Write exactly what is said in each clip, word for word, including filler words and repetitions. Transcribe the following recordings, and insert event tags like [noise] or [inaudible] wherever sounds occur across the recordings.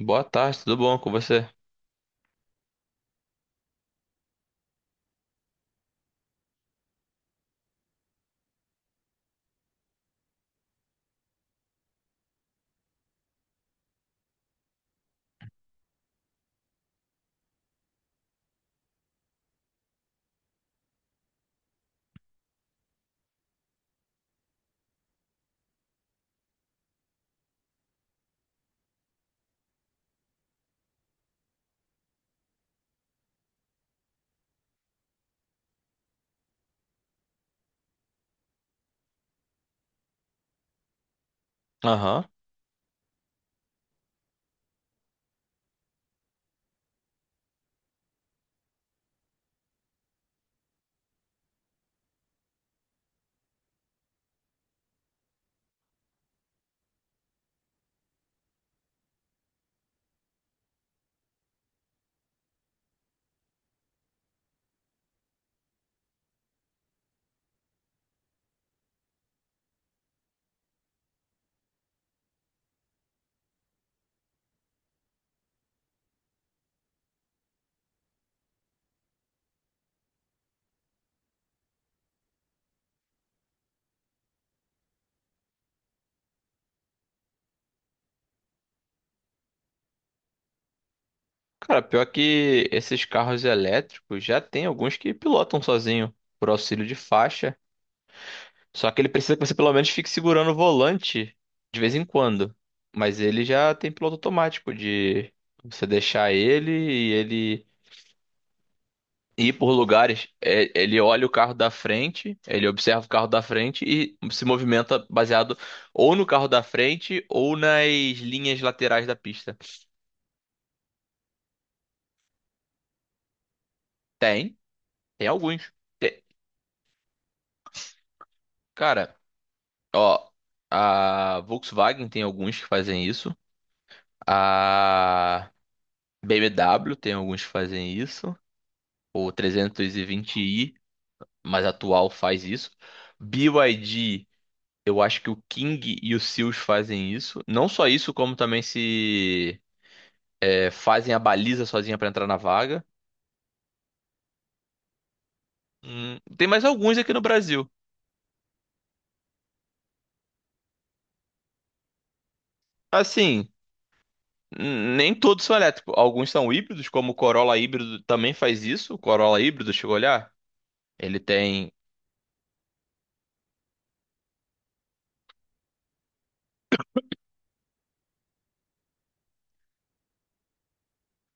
Boa tarde, tudo bom com você? Aham. Cara, pior que esses carros elétricos já tem alguns que pilotam sozinho por auxílio de faixa. Só que ele precisa que você pelo menos fique segurando o volante de vez em quando. Mas ele já tem piloto automático de você deixar ele e ele ir por lugares. É, Ele olha o carro da frente, ele observa o carro da frente e se movimenta baseado ou no carro da frente ou nas linhas laterais da pista. Tem, tem alguns. Cara, ó, a Volkswagen tem alguns que fazem isso, a BMW tem alguns que fazem isso, o trezentos e vinte i mais atual faz isso, B Y D, eu acho que o King e o Seals fazem isso, não só isso, como também se é, fazem a baliza sozinha pra entrar na vaga. Hum, tem mais alguns aqui no Brasil. Assim, n- nem todos são elétricos, alguns são híbridos, como o Corolla híbrido também faz isso. O Corolla híbrido, chegou a olhar? Ele tem.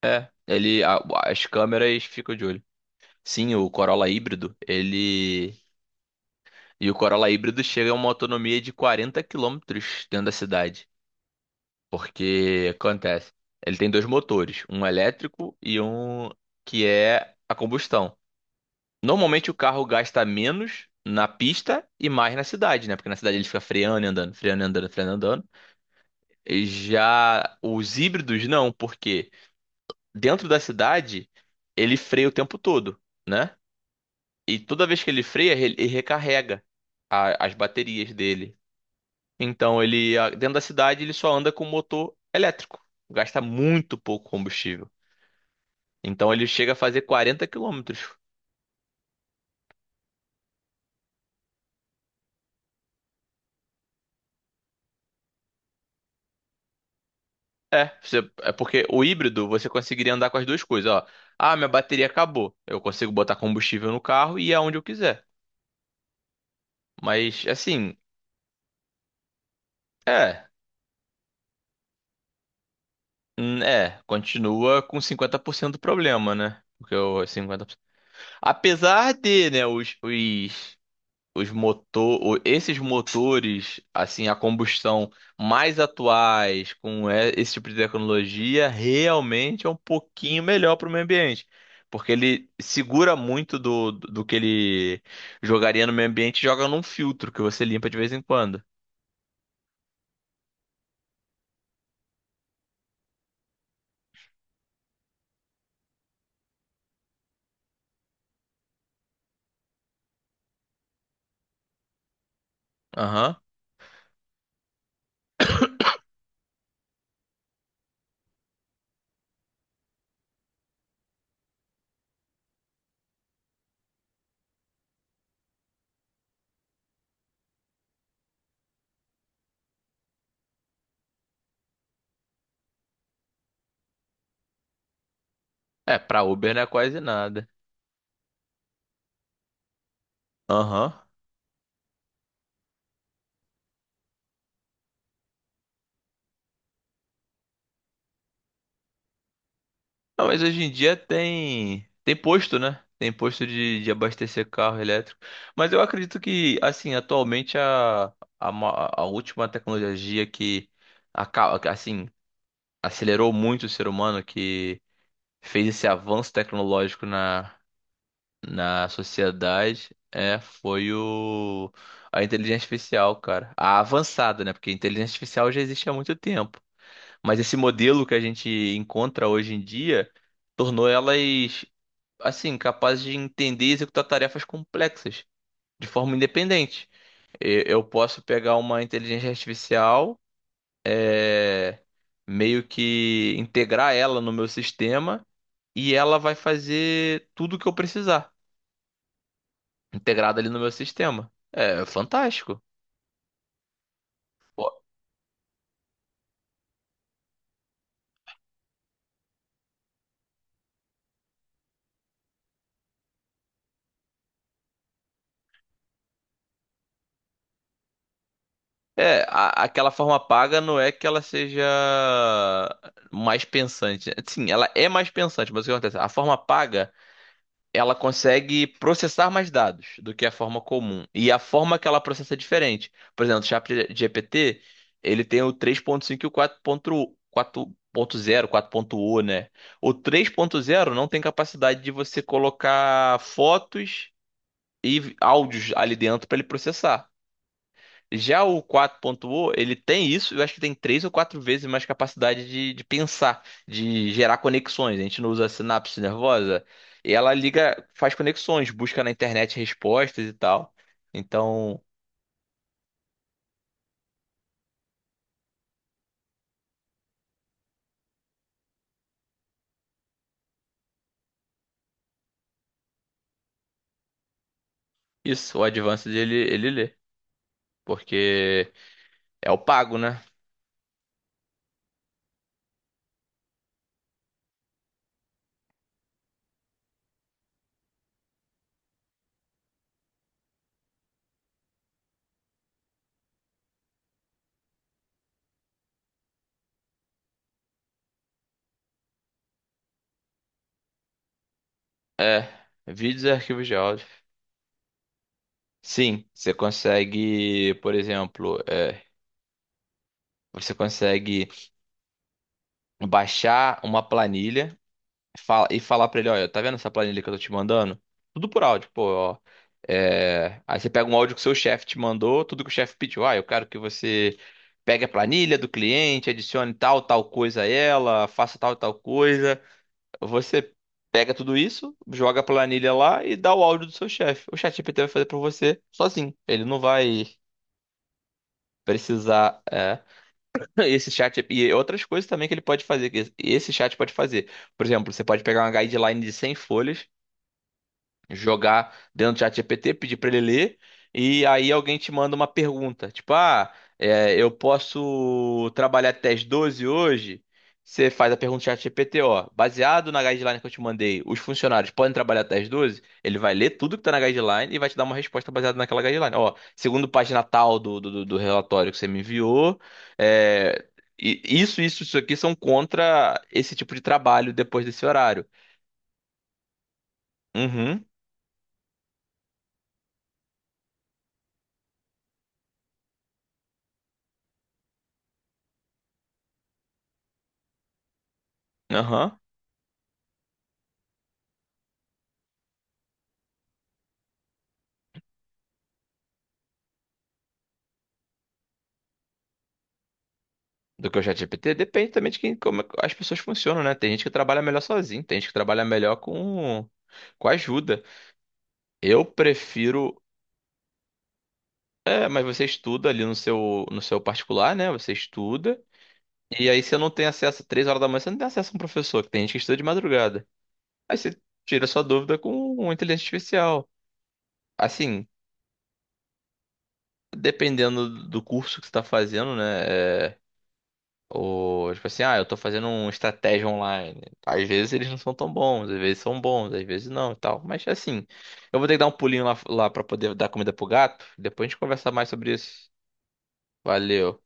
É, ele. a- As câmeras ficam de olho. Sim, o Corolla híbrido, ele. E o Corolla híbrido chega a uma autonomia de quarenta quilômetros dentro da cidade. Porque acontece. Ele tem dois motores, um elétrico e um que é a combustão. Normalmente o carro gasta menos na pista e mais na cidade, né? Porque na cidade ele fica freando e andando, freando e andando, freando e andando. E já os híbridos não, porque dentro da cidade, ele freia o tempo todo, né? E toda vez que ele freia, ele ele recarrega a- as baterias dele. Então, ele a- dentro da cidade, ele só anda com motor elétrico. Gasta muito pouco combustível. Então, ele chega a fazer quarenta quilômetros. É, você- é porque o híbrido você conseguiria andar com as duas coisas, ó. Ah, minha bateria acabou. Eu consigo botar combustível no carro e ir aonde eu quiser. Mas, assim, é. Hum, É, continua com cinquenta por cento do problema, né? Porque o cinquenta por cento. Apesar de, né, os, os, os motor, o- esses motores, assim, a combustão mais atuais, com e- esse tipo de tecnologia, realmente é um pouquinho melhor para o meio ambiente. Porque ele segura muito do, do, do que ele jogaria no meio ambiente e joga num filtro que você limpa de vez em quando. Aham. É, para Uber não é quase nada. Aham. Não, mas hoje em dia tem tem posto, né? Tem posto de, de abastecer carro elétrico. Mas eu acredito que, assim, atualmente a, a, ma- a última tecnologia que acaba, assim, acelerou muito o ser humano, que fez esse avanço tecnológico na, na sociedade, é, foi o, a inteligência artificial, cara. A avançada, né? Porque a inteligência artificial já existe há muito tempo. Mas esse modelo que a gente encontra hoje em dia tornou elas assim, capaz de entender e executar tarefas complexas de forma independente. E- Eu posso pegar uma inteligência artificial, é, meio que integrar ela no meu sistema e ela vai fazer tudo o que eu precisar, integrada ali no meu sistema. É fantástico. Pô, É, a- aquela forma paga não é que ela seja mais pensante. Sim, ela é mais pensante, mas o que acontece? A forma paga ela consegue processar mais dados do que a forma comum. E a forma que ela processa é diferente. Por exemplo, o ChatGPT, ele tem o três ponto cinco e o quatro ponto quatro ponto zero quatro ponto zero, né? O três ponto zero não tem capacidade de você colocar fotos e áudios ali dentro para ele processar. Já o quatro ponto zero, ele tem isso, eu acho que tem três ou quatro vezes mais capacidade de, de pensar, de gerar conexões. A gente não usa a sinapse nervosa, e ela liga, faz conexões, busca na internet respostas e tal. Então, isso, o Advanced ele, ele lê, porque é o pago, né? Vídeos e arquivos de áudio. Sim, você consegue, por exemplo, é, você consegue baixar uma planilha. Fala- e falar pra ele, olha, tá vendo essa planilha que eu tô te mandando? Tudo por áudio, pô, ó. É, Aí você pega um áudio que o seu chefe te mandou, tudo que o chefe pediu. Ah, eu quero que você pegue a planilha do cliente, adicione tal, tal coisa a ela, faça tal, tal coisa. Você pega tudo isso, joga a planilha lá e dá o áudio do seu chefe. O ChatGPT vai fazer pra você sozinho. Ele não vai precisar. é, [laughs] Esse chat e outras coisas também que ele pode fazer, que esse chat pode fazer. Por exemplo, você pode pegar uma guideline de cem folhas, jogar dentro do ChatGPT, pedir para ele ler, e aí alguém te manda uma pergunta, tipo, ah, é, eu posso trabalhar até as doze hoje? Você faz a pergunta do ChatGPT, ó, baseado na guideline que eu te mandei, os funcionários podem trabalhar até as doze? Ele vai ler tudo que tá na guideline e vai te dar uma resposta baseada naquela guideline. Ó, segundo página tal do, do, do do relatório que você me enviou, é, e- isso, isso, isso aqui são contra esse tipo de trabalho depois desse horário. Uhum, aham. Do que o ChatGPT? Depende também de quem, como as pessoas funcionam, né? Tem gente que trabalha melhor sozinho, tem gente que trabalha melhor com, com ajuda. Eu prefiro. É, mas você estuda ali no seu, no seu particular, né? Você estuda. E aí você não tem acesso, três horas da manhã, você não tem acesso a um professor, que tem gente que estuda de madrugada. Aí você tira sua dúvida com uma inteligência artificial. Assim, dependendo do curso que você está fazendo, né? É, Ou, tipo assim, ah, eu tô fazendo uma estratégia online. Às vezes eles não são tão bons, às vezes são bons, às vezes não e tal. Mas assim, eu vou ter que dar um pulinho lá, lá pra poder dar comida pro gato. Depois a gente conversa mais sobre isso. Valeu.